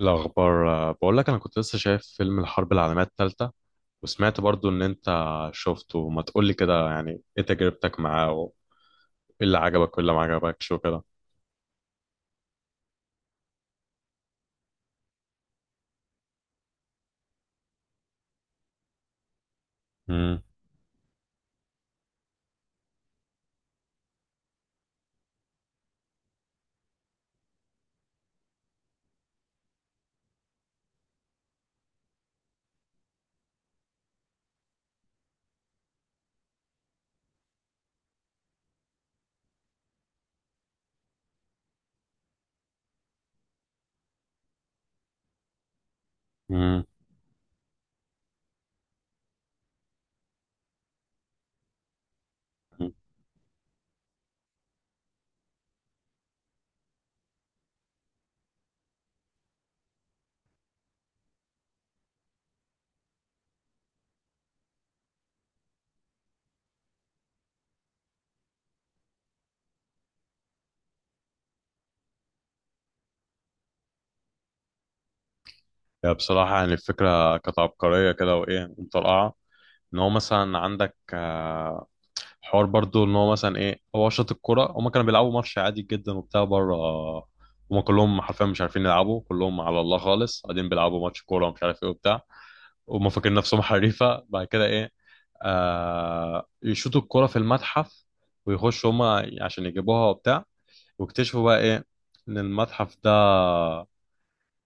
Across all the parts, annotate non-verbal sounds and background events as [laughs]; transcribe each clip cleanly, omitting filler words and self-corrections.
الأخبار بقول لك أنا كنت لسه شايف فيلم الحرب العالمية التالتة، وسمعت برضو إن أنت شفته. ما تقولي كده يعني إيه تجربتك معاه وإيه اللي عجبك وإيه اللي ما عجبكش وكده. امم امم يعني بصراحة يعني الفكرة كانت عبقرية كده وإيه مطرقعة. إن هو مثلا عندك حوار برضو ان هو مثلا ايه، هو شاط الكرة. هما كانوا بيلعبوا ماتش عادي جدا وبتاع بره. هما كلهم حرفيا مش عارفين يلعبوا، كلهم على الله خالص، قاعدين بيلعبوا ماتش كورة ومش عارف ايه وبتاع. وهم فاكرين نفسهم [laughs] حريفة. بعد كده ايه، يشوطوا الكرة في المتحف، ويخشوا هما عشان يجيبوها وبتاع. واكتشفوا بقى ايه؟ ان المتحف ده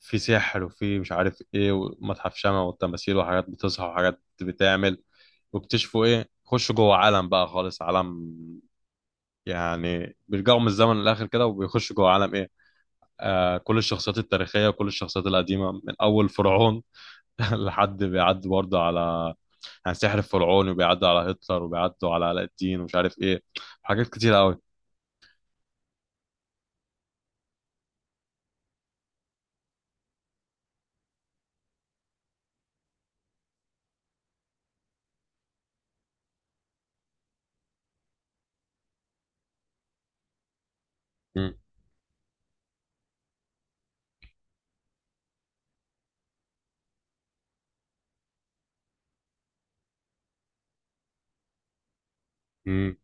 فيه سحر وفيه مش عارف ايه، ومتحف شمع والتماثيل وحاجات بتصحى وحاجات بتعمل. واكتشفوا ايه، خشوا جوه عالم بقى خالص، عالم يعني بيرجعوا من الزمن للاخر كده. وبيخشوا جوه عالم ايه، آه كل الشخصيات التاريخيه وكل الشخصيات القديمه، من اول فرعون [laughs] لحد بيعدي برضه على يعني سحر الفرعون، وبيعدوا على هتلر وبيعدوا على علاء الدين ومش عارف ايه. حاجات كتير قوي. مم. مم.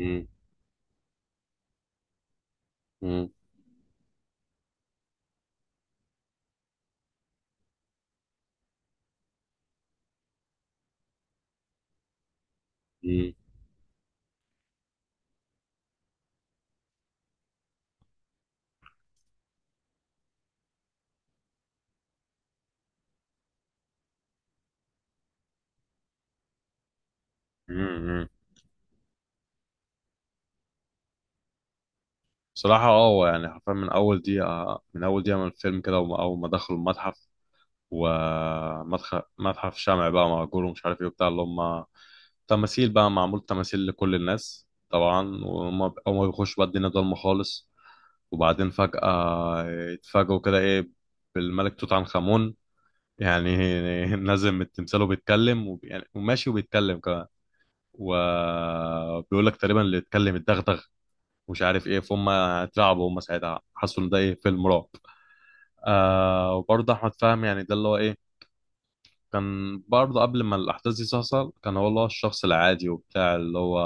مم. مم. مم. مم. بصراحة هو يعني حرفيا من أول دقيقة، من أول دقيقة من الفيلم كده، وأول ما دخلوا المتحف، ومتحف الشمع بقى، مأجور ومش عارف ايه وبتاع، اللي هم تماثيل بقى، معمول تماثيل لكل الناس طبعا. وهم أول ما بيخشوا بقى، الدنيا ضلمة خالص. وبعدين فجأة يتفاجئوا كده ايه، بالملك توت عنخ آمون، يعني [laughs] نازل من التمثال وبيتكلم. يعني وماشي وبيتكلم كمان. وبيقول لك تقريبا اللي يتكلم الدغدغ ومش عارف ايه. فهم اترعبوا، هم ساعتها حسوا ان ده ايه، فيلم رعب. وبرضه احمد فهمي يعني ده اللي هو ايه، كان برضه قبل ما الأحداث دي تحصل كان هو اللي هو الشخص العادي وبتاع اللي هو،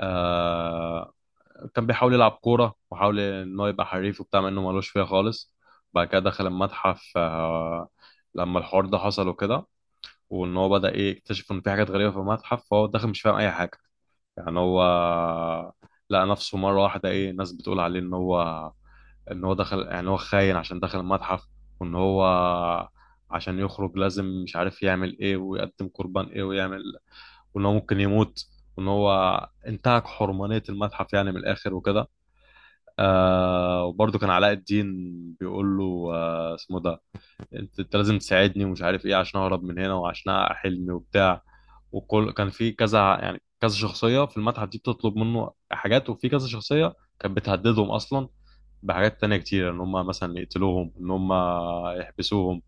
آه كان بيحاول يلعب كورة، وحاول إن هو يبقى حريف وبتاع مع إنه ملوش فيها خالص. بعد كده دخل المتحف، لما الحوار ده حصل وكده، وإن هو بدأ إيه، يكتشف إن في حاجات غريبة في المتحف. فهو داخل مش فاهم أي حاجة، يعني هو لقى نفسه مرة واحدة إيه، ناس بتقول عليه إن هو، ان هو دخل، يعني هو خاين عشان دخل المتحف. وان هو عشان يخرج لازم مش عارف يعمل ايه، ويقدم قربان ايه ويعمل. وان هو ممكن يموت، وان هو انتهك حرمانية المتحف يعني من الاخر وكده. وبرضه كان علاء الدين بيقول له اسمه ده، انت، لازم تساعدني ومش عارف ايه، عشان اهرب من هنا وعشان احقق حلمي وبتاع. وكل كان في كذا يعني كذا شخصية في المتحف دي بتطلب منه حاجات، وفي كذا شخصية كانت بتهددهم اصلا بحاجات تانية كتير، ان هم مثلا يقتلوهم، ان هم يحبسوهم.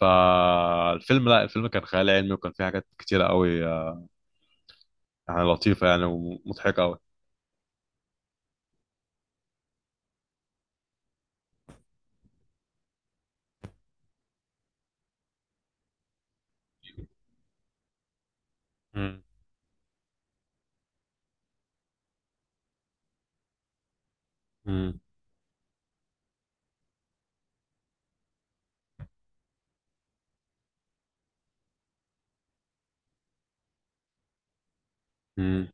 فالفيلم، لا الفيلم كان خيال علمي وكان فيه حاجات كتيرة قوي يعني، لطيفة يعني ومضحكة قوي. مم. مم. مم.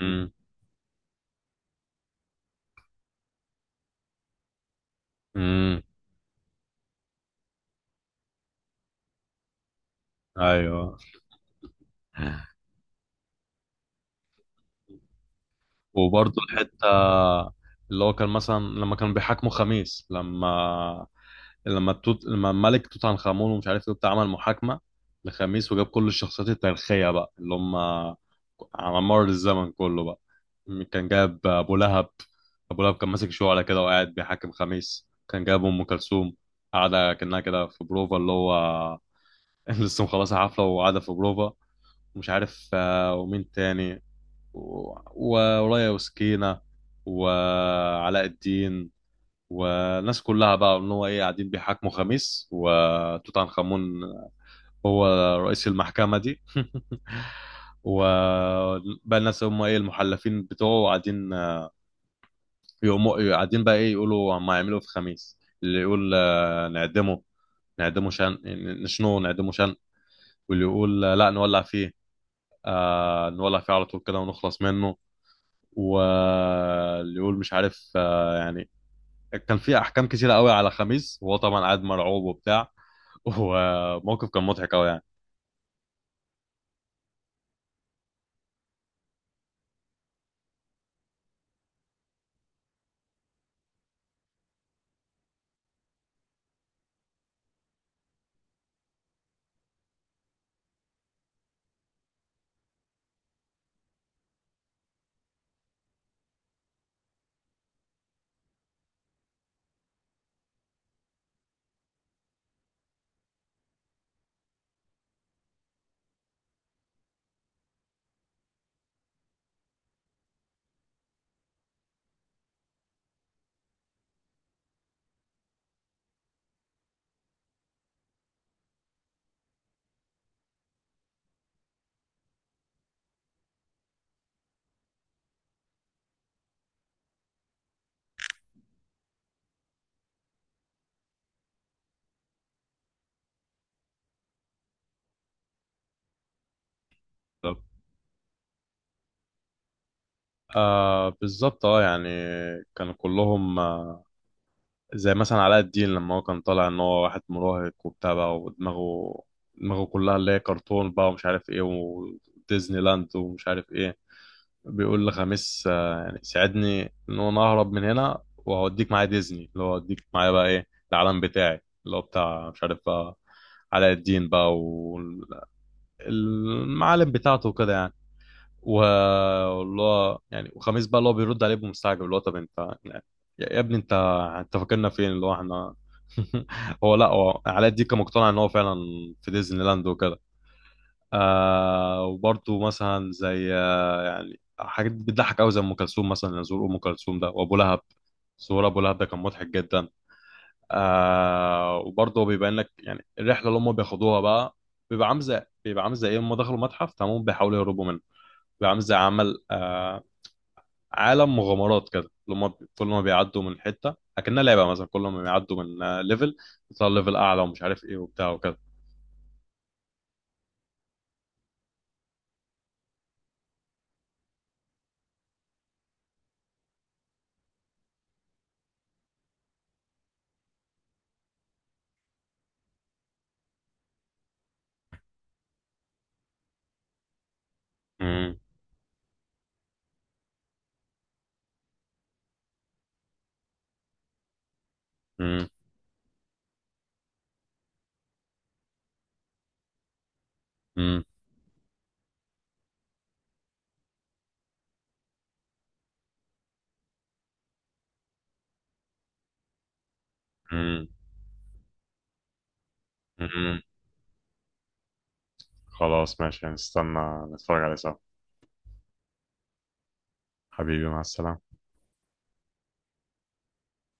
مم. مم. ايوه. وبرضه الحتة اللي هو كان مثلا لما كانوا بيحاكموا خميس، لما الملك توت عنخ آمون ومش عارف ايه وبتاع عمل محاكمة لخميس، وجاب كل الشخصيات التاريخية بقى اللي هم على مر الزمن كله بقى. كان جاب أبو لهب. أبو لهب كان ماسك شعلة كده وقاعد بيحاكم خميس. كان جاب أم كلثوم قاعدة كأنها كده في بروفا، اللي هو [laughs] لسه مخلصة حفلة وقاعدة في بروفا. مش عارف ومين تاني، ورايا وسكينة وعلاء الدين، والناس كلها بقى، ان هو ايه، قاعدين بيحاكموا خميس. وتوت عنخ امون هو رئيس المحكمة دي [laughs] وبقى الناس هم ايه، المحلفين بتوعه، قاعدين يقوموا قاعدين بقى ايه، يقولوا هم هيعملوا إيه في خميس. اللي يقول نعدمه، نعدمه شن نشنوه، نعدمه شن. واللي يقول لا نولع فيه، نولع فيه على طول كده ونخلص منه. واللي يقول مش عارف يعني. كان في احكام كتيره قوي على خميس، وهو طبعا قاعد مرعوب وبتاع [laughs] وموقف كان مضحك قوي يعني. بالظبط يعني، كانوا كلهم زي مثلا علاء الدين، لما هو كان طالع ان هو واحد مراهق وبتاع بقى، ودماغه كلها اللي هي كرتون بقى ومش عارف ايه، وديزني لاند ومش عارف ايه. بيقول لخميس يعني ساعدني ان انا اهرب من هنا، وهوديك معايا ديزني، اللي هو هوديك معايا بقى ايه، العالم بتاعي، اللي هو بتاع مش عارف بقى، علاء الدين بقى، والمعالم بتاعته وكده يعني. واللي هو يعني وخميس بقى اللي هو بيرد عليه بمستعجب اللي هو، طب انت يعني، يا ابني، انت، انت فاكرنا فين، اللي هو احنا [laughs] هو لا هو علاء الدين كان مقتنع ان هو فعلا في ديزني لاند وكده. وبرضه مثلا زي يعني حاجات بتضحك قوي، زي ام كلثوم مثلا، زور ام كلثوم ده وابو لهب، زور ابو لهب ده كان مضحك جدا. وبرضه بيبين لك يعني الرحله اللي هم بياخدوها بقى، بيبقى عامل زي ايه، هم دخلوا متحف تمام بيحاولوا يهربوا منه. بيبقى عامل زي عمل عالم مغامرات كده، اللي هم كل ما بيعدوا من حته اكنها لعبه مثلا، كل ما بيعدوا من ليفل بيطلعوا ليفل اعلى، ومش عارف ايه وبتاع وكده. مم، مم، مم، مم، مم. خلاص ماشي، هنستنى نتفرج عليه سوا. حبيبي، مع السلامة.